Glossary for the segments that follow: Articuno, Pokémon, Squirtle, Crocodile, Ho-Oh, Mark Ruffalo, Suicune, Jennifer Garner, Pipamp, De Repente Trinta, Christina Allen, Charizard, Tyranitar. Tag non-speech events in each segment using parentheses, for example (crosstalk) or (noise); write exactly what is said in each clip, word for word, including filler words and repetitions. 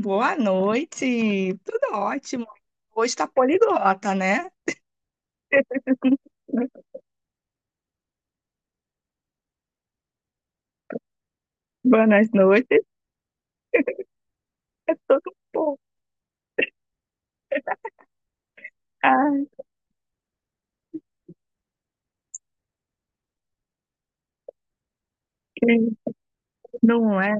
Boa noite, tudo ótimo. Hoje tá poliglota, né? (laughs) Boas noites, é todo um pouco. Ai, que- não é,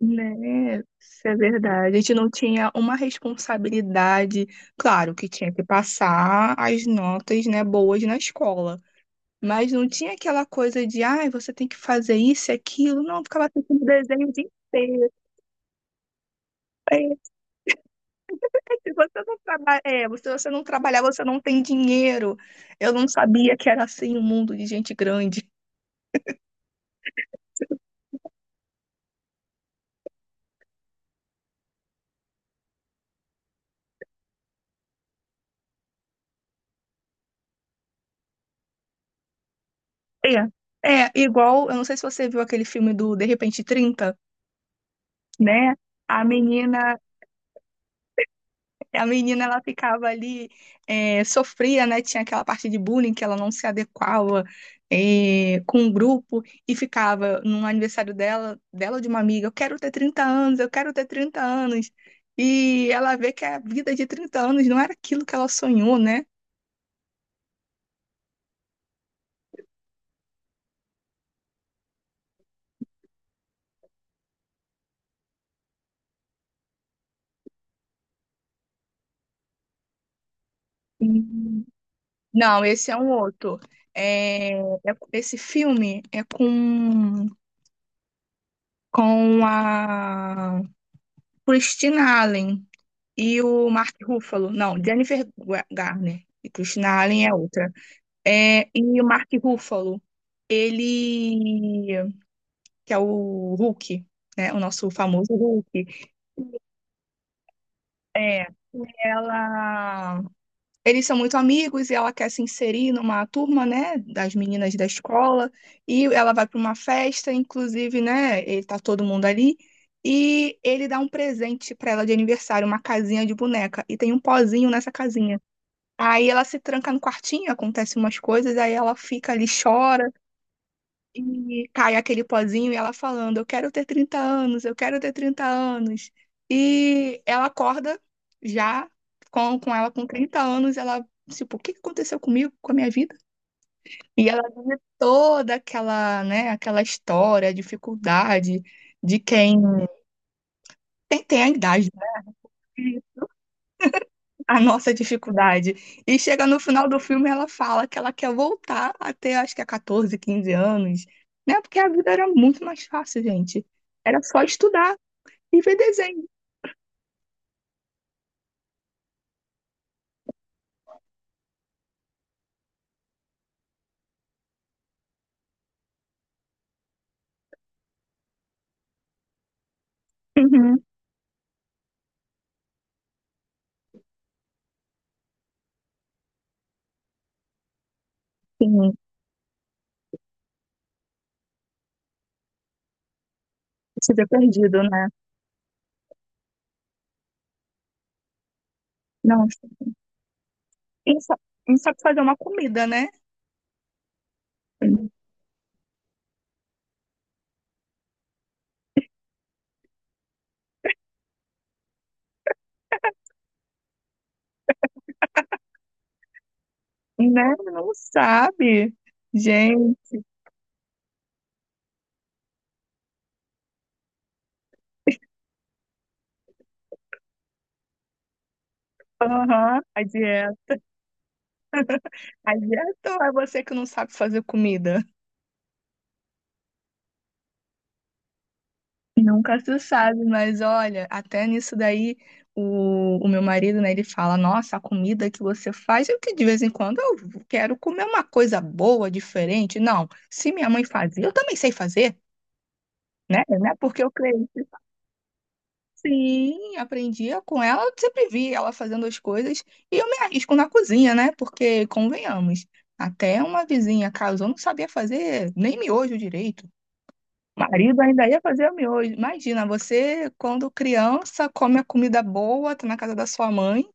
né? Isso é verdade. A gente não tinha uma responsabilidade. Claro que tinha que passar as notas, né, boas na escola. Mas não tinha aquela coisa de, ai, você tem que fazer isso e aquilo. Não, ficava assistindo desenho o dia inteiro. É. Se você não trabalha, é, se você não trabalhar, você não tem dinheiro. Eu não sabia que era assim o um mundo de gente grande. É, é igual, eu não sei se você viu aquele filme do De Repente trinta, né? A menina A menina, ela ficava ali, eh, sofria, né? Tinha aquela parte de bullying que ela não se adequava, eh, com o grupo e ficava no aniversário dela, dela ou de uma amiga, eu quero ter trinta anos, eu quero ter trinta anos. E ela vê que a vida de trinta anos não era aquilo que ela sonhou, né? Hum. Não, esse é um outro. É, é- esse filme é com, com, a Christina Allen. E o Mark Ruffalo. Não, Jennifer Gu- Garner. E Christina Allen é outra. É, e o Mark Ruffalo, ele... Que é o Hulk, né? O nosso famoso Hulk. É, e ela... Eles são muito amigos e ela quer se inserir numa turma, né? Das meninas da escola. E ela vai para uma festa, inclusive, né? Ele tá todo mundo ali. E ele dá um presente para ela de aniversário, uma casinha de boneca. E tem um pozinho nessa casinha. Aí ela se tranca no quartinho, acontece umas coisas, aí ela fica ali, chora e cai aquele pozinho e ela falando: eu quero ter trinta anos, eu quero ter trinta anos. E ela acorda já com, com ela com trinta anos, ela, tipo, o que que aconteceu comigo, com a minha vida? E ela vive toda aquela, né, aquela história, dificuldade de quem, quem tem a idade, né? A nossa dificuldade. E chega no final do filme, ela fala que ela quer voltar até acho que é catorze, quinze anos, né? Porque a vida era muito mais fácil, gente. Era só estudar e ver desenho. Uhum, sim, se ver perdido, né? Não, não sa- não sabe fazer uma comida, né? Né? Não sabe. Gente, aham, a dieta. A dieta ou é você que não sabe fazer comida? Nunca se sabe, mas olha, até nisso daí, o, o meu marido, né, ele fala, nossa, a comida que você faz, eu que de vez em quando eu quero comer uma coisa boa, diferente. Não, se minha mãe fazia, eu também sei fazer, né? Não é porque eu cresci. Sim, aprendia com ela, eu sempre vi ela fazendo as coisas, e eu me arrisco na cozinha, né? Porque, convenhamos, até uma vizinha casou, não sabia fazer nem miojo direito. Marido ainda ia fazer o miojo. Imagina, você, quando criança, come a comida boa, tá na casa da sua mãe,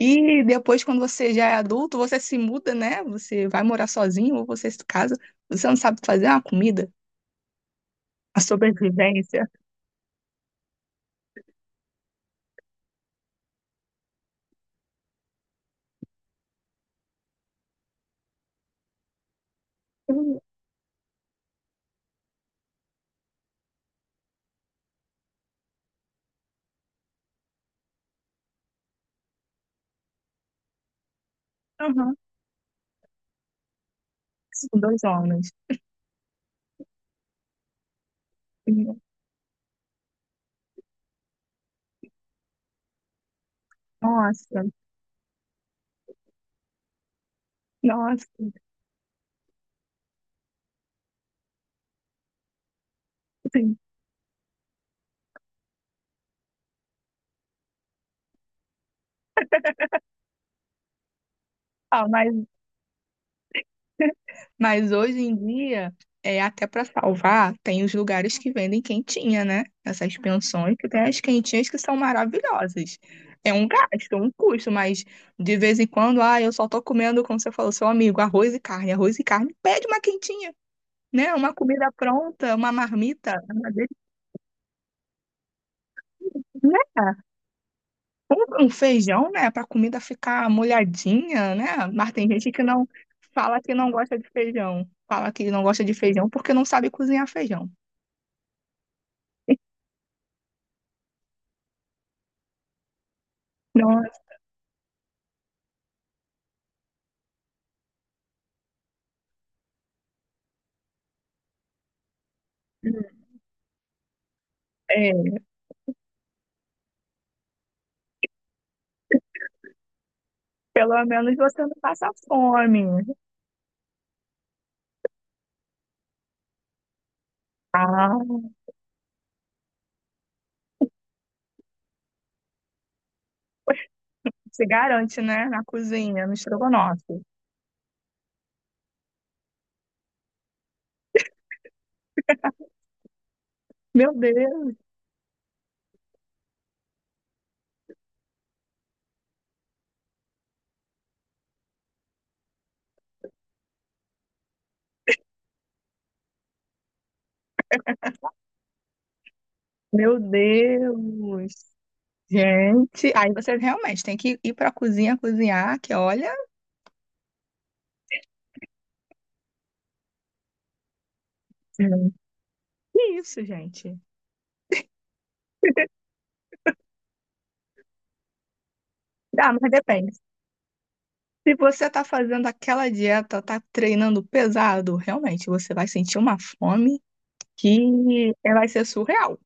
e depois, quando você já é adulto, você se muda, né? Você vai morar sozinho ou você se casa. Você não sabe fazer uma comida? A sobrevivência. Uhum. São dois homens. Nossa, nossa. Sim. Ah, mas Mas hoje em dia, é até para salvar, tem os lugares que vendem quentinha, né? Essas pensões que tem as quentinhas que são maravilhosas. É um gasto, um custo, mas de vez em quando, ah, eu só tô comendo, como você falou, seu amigo, arroz e carne, arroz e carne, pede uma quentinha, né? Uma comida pronta, uma marmita, uma delícia, né? Um, um feijão, né? Para comida ficar molhadinha, né? Mas tem gente que não fala que não gosta de feijão, fala que não gosta de feijão porque não sabe cozinhar feijão. É, pelo menos você não passa fome. Ah, se garante, né? Na cozinha, no estrogonofe. Meu Deus, meu Deus. Gente, aí você realmente tem que ir pra cozinha cozinhar, que olha. Hum. Que isso, gente? Ah, mas depende. Se você tá fazendo aquela dieta, tá treinando pesado, realmente você vai sentir uma fome que vai ser surreal.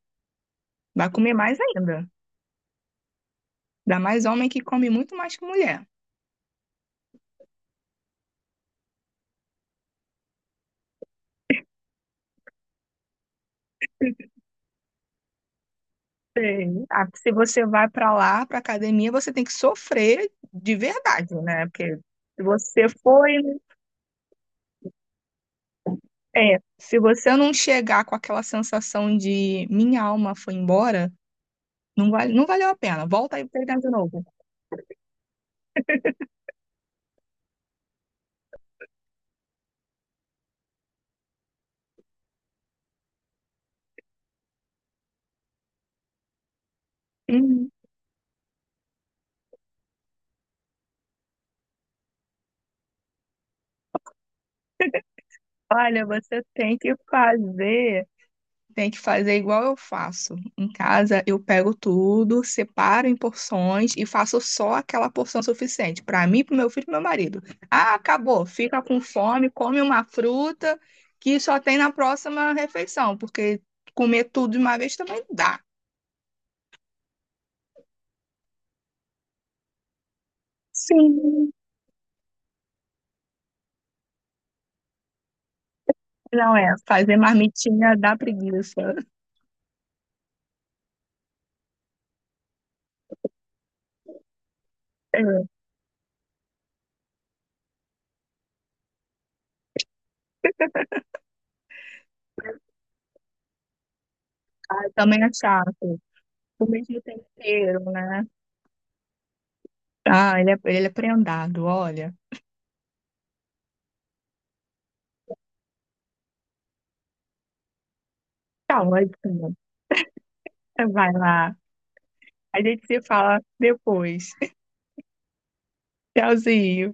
Vai comer mais ainda. Ainda mais homem que come muito mais que mulher. Sei. Ah, porque se você vai pra lá, pra academia, você tem que sofrer de verdade, né? Porque se você foi, é, se você não chegar com aquela sensação de minha alma foi embora, não vale, não valeu a pena. Volta aí e treinar de novo. Uhum. Olha, você tem que fazer tem que fazer igual eu faço. Em casa, eu pego tudo, separo em porções e faço só aquela porção suficiente para mim, para meu filho e pro meu marido. Ah, acabou. Fica com fome, come uma fruta que só tem na próxima refeição, porque comer tudo de uma vez também não dá. Sim. Não é, fazer marmitinha dá preguiça. É, também é chato. O mesmo tempero, né? Ah, ele é, ele é prendado, olha. Tá ótimo. Vai lá. A gente se fala depois. (laughs) Tchauzinho.